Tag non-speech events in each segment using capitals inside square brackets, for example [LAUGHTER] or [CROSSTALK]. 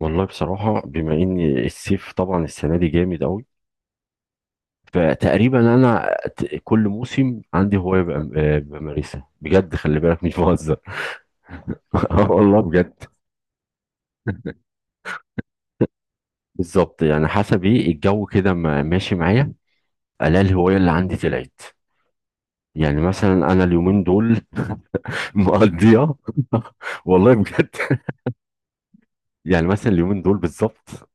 والله بصراحة بما ان الصيف طبعا السنة دي جامد قوي. فتقريبا انا كل موسم عندي هواية بمارسها بجد، خلي بالك مش بهزر. [LAUGHS] آه والله بجد. بالظبط، يعني حسب ايه الجو كده ماشي معايا، الاقي الهواية اللي عندي طلعت. يعني مثلا انا اليومين دول [LAUGHS] مقضيها [LAUGHS] والله بجد. يعني مثلا اليومين دول بالظبط،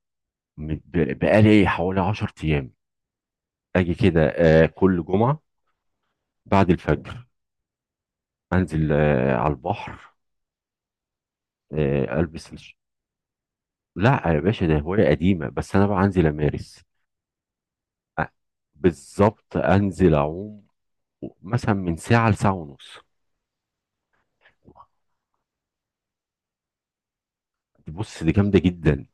بقالي حوالي 10 ايام، اجي كده كل جمعة بعد الفجر، انزل على البحر، آه، البس الش- لا يا باشا، ده هوايه قديمه، بس انا بقى انزل امارس. أ- بالظبط، انزل اعوم مثلا من ساعه لساعه ونص. بص، دي جامده جدا.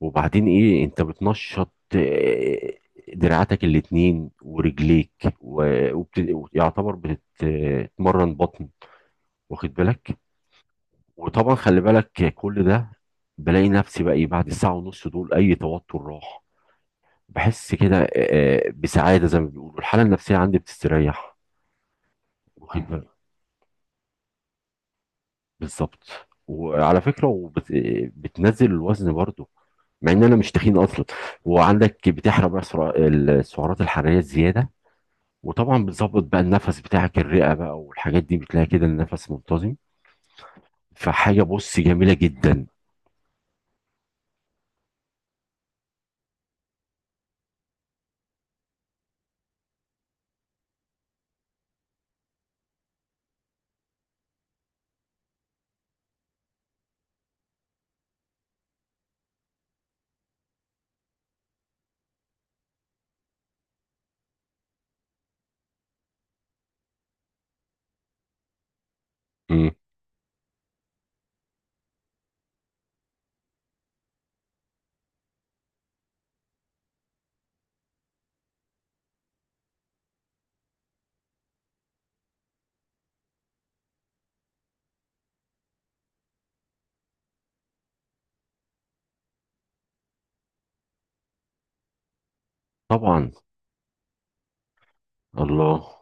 وبعدين ايه، انت بتنشط دراعاتك الاتنين ورجليك، ويعتبر بتتمرن بطن، واخد بالك؟ وطبعا خلي بالك كل ده، بلاقي نفسي بقى ايه، بعد الساعه ونص دول اي توتر راح. بحس كده بسعادة، زي ما بيقولوا الحالة النفسية عندي بتستريح، واخد بالك. بالظبط. وعلى فكرة بتنزل الوزن برضو، مع ان انا مش تخين اصلا. وعندك بتحرق بقى السعرات الحرارية الزيادة. وطبعا بتظبط بقى النفس بتاعك، الرئة بقى والحاجات دي، بتلاقي كده النفس منتظم. فحاجة، بص، جميلة جدا. مم. طبعا. الله.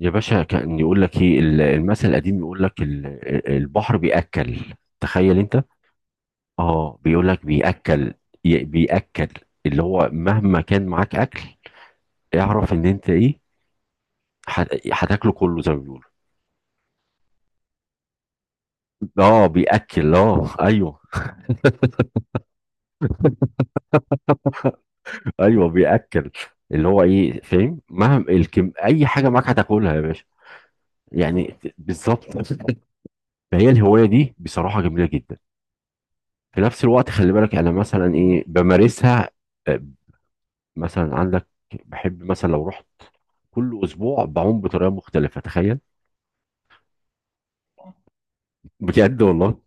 يا باشا، كان يقول لك ايه المثل القديم، يقول لك البحر بيأكل، تخيل انت. اه بيقول لك بيأكل. بيأكل، اللي هو مهما كان معاك اكل، اعرف ان انت ايه، هتاكله كله زي ما بيقولوا. اه بيأكل، اه ايوه. ايوه بيأكل، اللي هو ايه، فاهم؟ مهما الكم اي حاجه معاك هتاكلها يا باشا. يعني بالظبط. فهي الهوايه دي بصراحه جميله جدا. في نفس الوقت خلي بالك، انا مثلا ايه، بمارسها. آه، مثلا عندك، بحب مثلا لو رحت كل اسبوع بعوم بطريقه مختلفه، تخيل. بجد والله.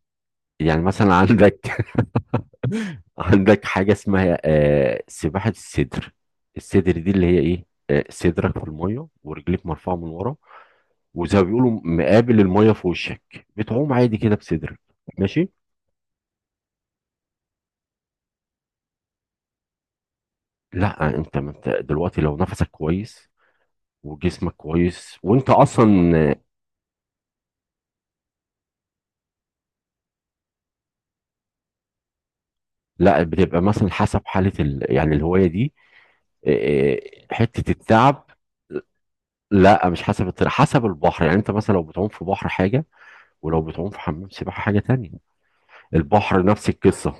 يعني مثلا عندك [LAUGHS] عندك حاجة اسمها سباحة الصدر. الصدر دي اللي هي ايه، صدرك في المية ورجليك مرفوعة من ورا، وزي ما بيقولوا مقابل المية في وشك، بتعوم عادي كده بصدرك. ماشي. لا انت، ما انت دلوقتي لو نفسك كويس، وجسمك كويس، وانت اصلا. لا، بتبقى مثلا حسب حالة يعني الهواية دي، حتة التعب. لا، مش حسب الطريق، حسب البحر. يعني انت مثلا لو بتعوم في بحر حاجة، ولو بتعوم في حمام سباحة حاجة تانية. البحر نفس القصة.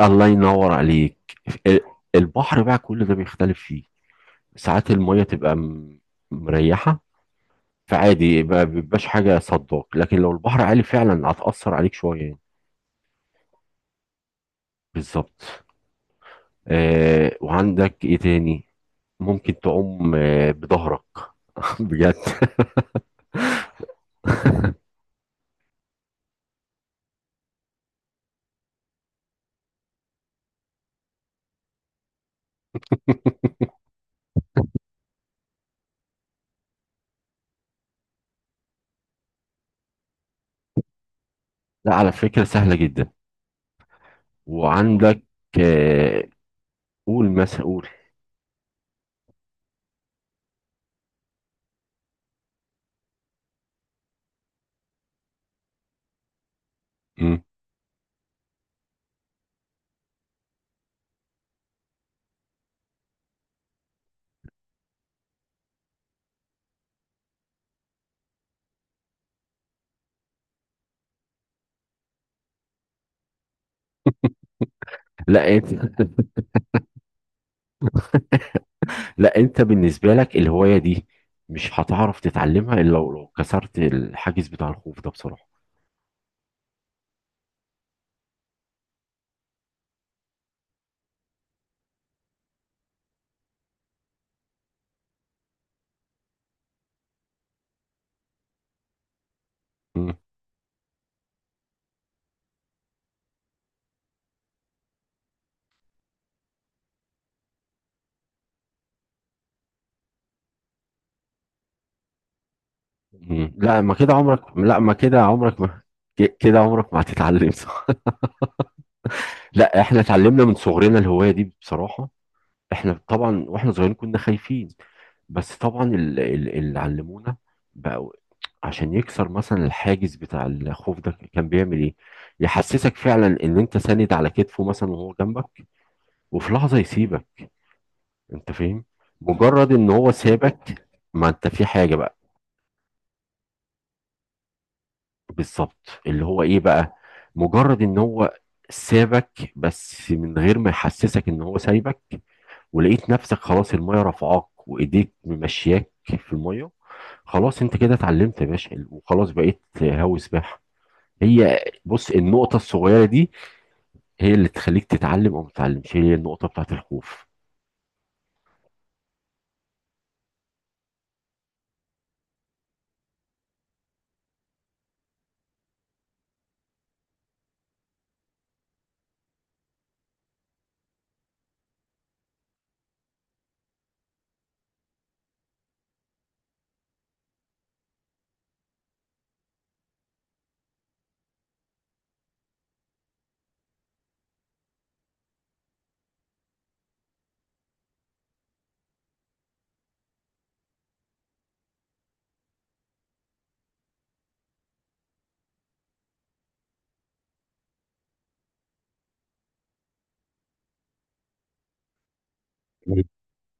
الله ينور عليك. ال- البحر بقى كل ده بيختلف فيه. ساعات المية تبقى مريحة، فعادي ما بيبقاش حاجة صداك. لكن لو البحر عالي، فعلا هتأثر عليك شوية يعني. بالظبط. وعندك ايه تاني؟ ممكن تعوم بظهرك. [LAUGHS] بجد. لا، على فكرة سهلة جدا. وعندك، آه قول مثلا، قول. مم. لا انت لا انت، بالنسبه لك الهوايه دي مش هتعرف تتعلمها الا لو كسرت الحاجز بتاع الخوف ده بصراحه. مم. مم. لا ما كده عمرك ما كده عمرك ما هتتعلم. [LAUGHS] صح. لا، احنا اتعلمنا من صغرنا الهوايه دي بصراحه. احنا طبعا واحنا صغيرين كنا خايفين، بس طبعا اللي علمونا بقى، عشان يكسر مثلا الحاجز بتاع الخوف ده، كان بيعمل ايه، يحسسك فعلا ان انت ساند على كتفه مثلا وهو جنبك، وفي لحظه يسيبك. انت فاهم. مجرد ان هو سابك، ما انت في حاجة بقى. بالظبط، اللي هو ايه بقى، مجرد ان هو سابك، بس من غير ما يحسسك ان هو سايبك، ولقيت نفسك خلاص المية رفعاك وايديك ممشياك في المية. خلاص انت كده اتعلمت يا باشا، وخلاص بقيت هاوي سباحة. هي بص، النقطة الصغيرة دي هي اللي تخليك تتعلم او ما تتعلمش، هي النقطة بتاعت الخوف.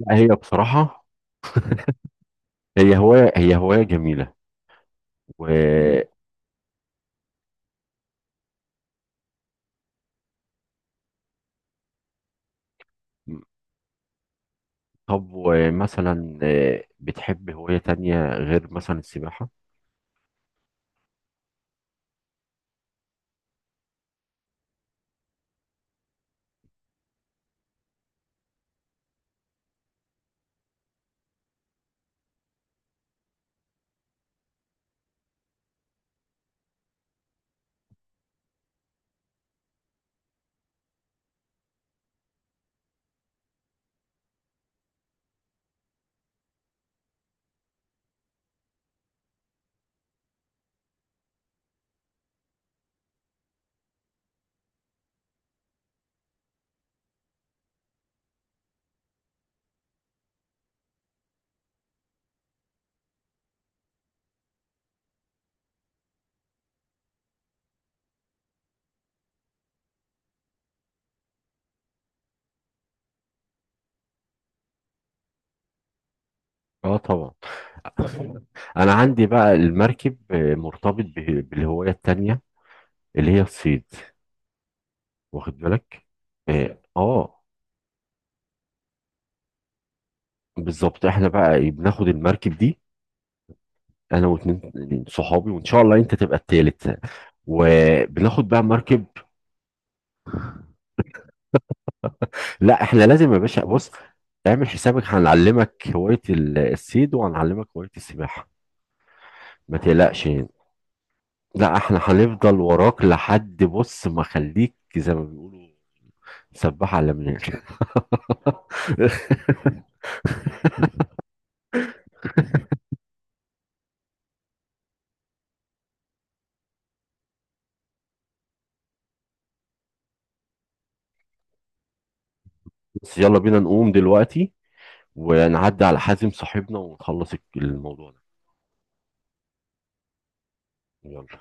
لا، هي بصراحة هي هواية جميلة. و. طب ومثلا، بتحب هواية تانية غير مثلا السباحة؟ اه طبعا. [LAUGHS] انا عندي بقى المركب، مرتبط بالهواية التانية، اللي هي الصيد، واخد بالك؟ اه. بالظبط، احنا بقى بناخد المركب دي، انا واتنين صحابي، وان شاء الله انت تبقى التالت، وبناخد بقى مركب. لا، احنا لازم يا باشا، بص، اعمل حسابك هنعلمك هواية الصيد، وهنعلمك هواية السباحة، ما تقلقش. لا، احنا هنفضل وراك لحد بص، ما خليك زي ما بيقولوا سباح على مناك. [LAUGHS] بس يلا بينا نقوم دلوقتي، ونعدي على حازم صاحبنا، ونخلص الموضوع ده. يلا.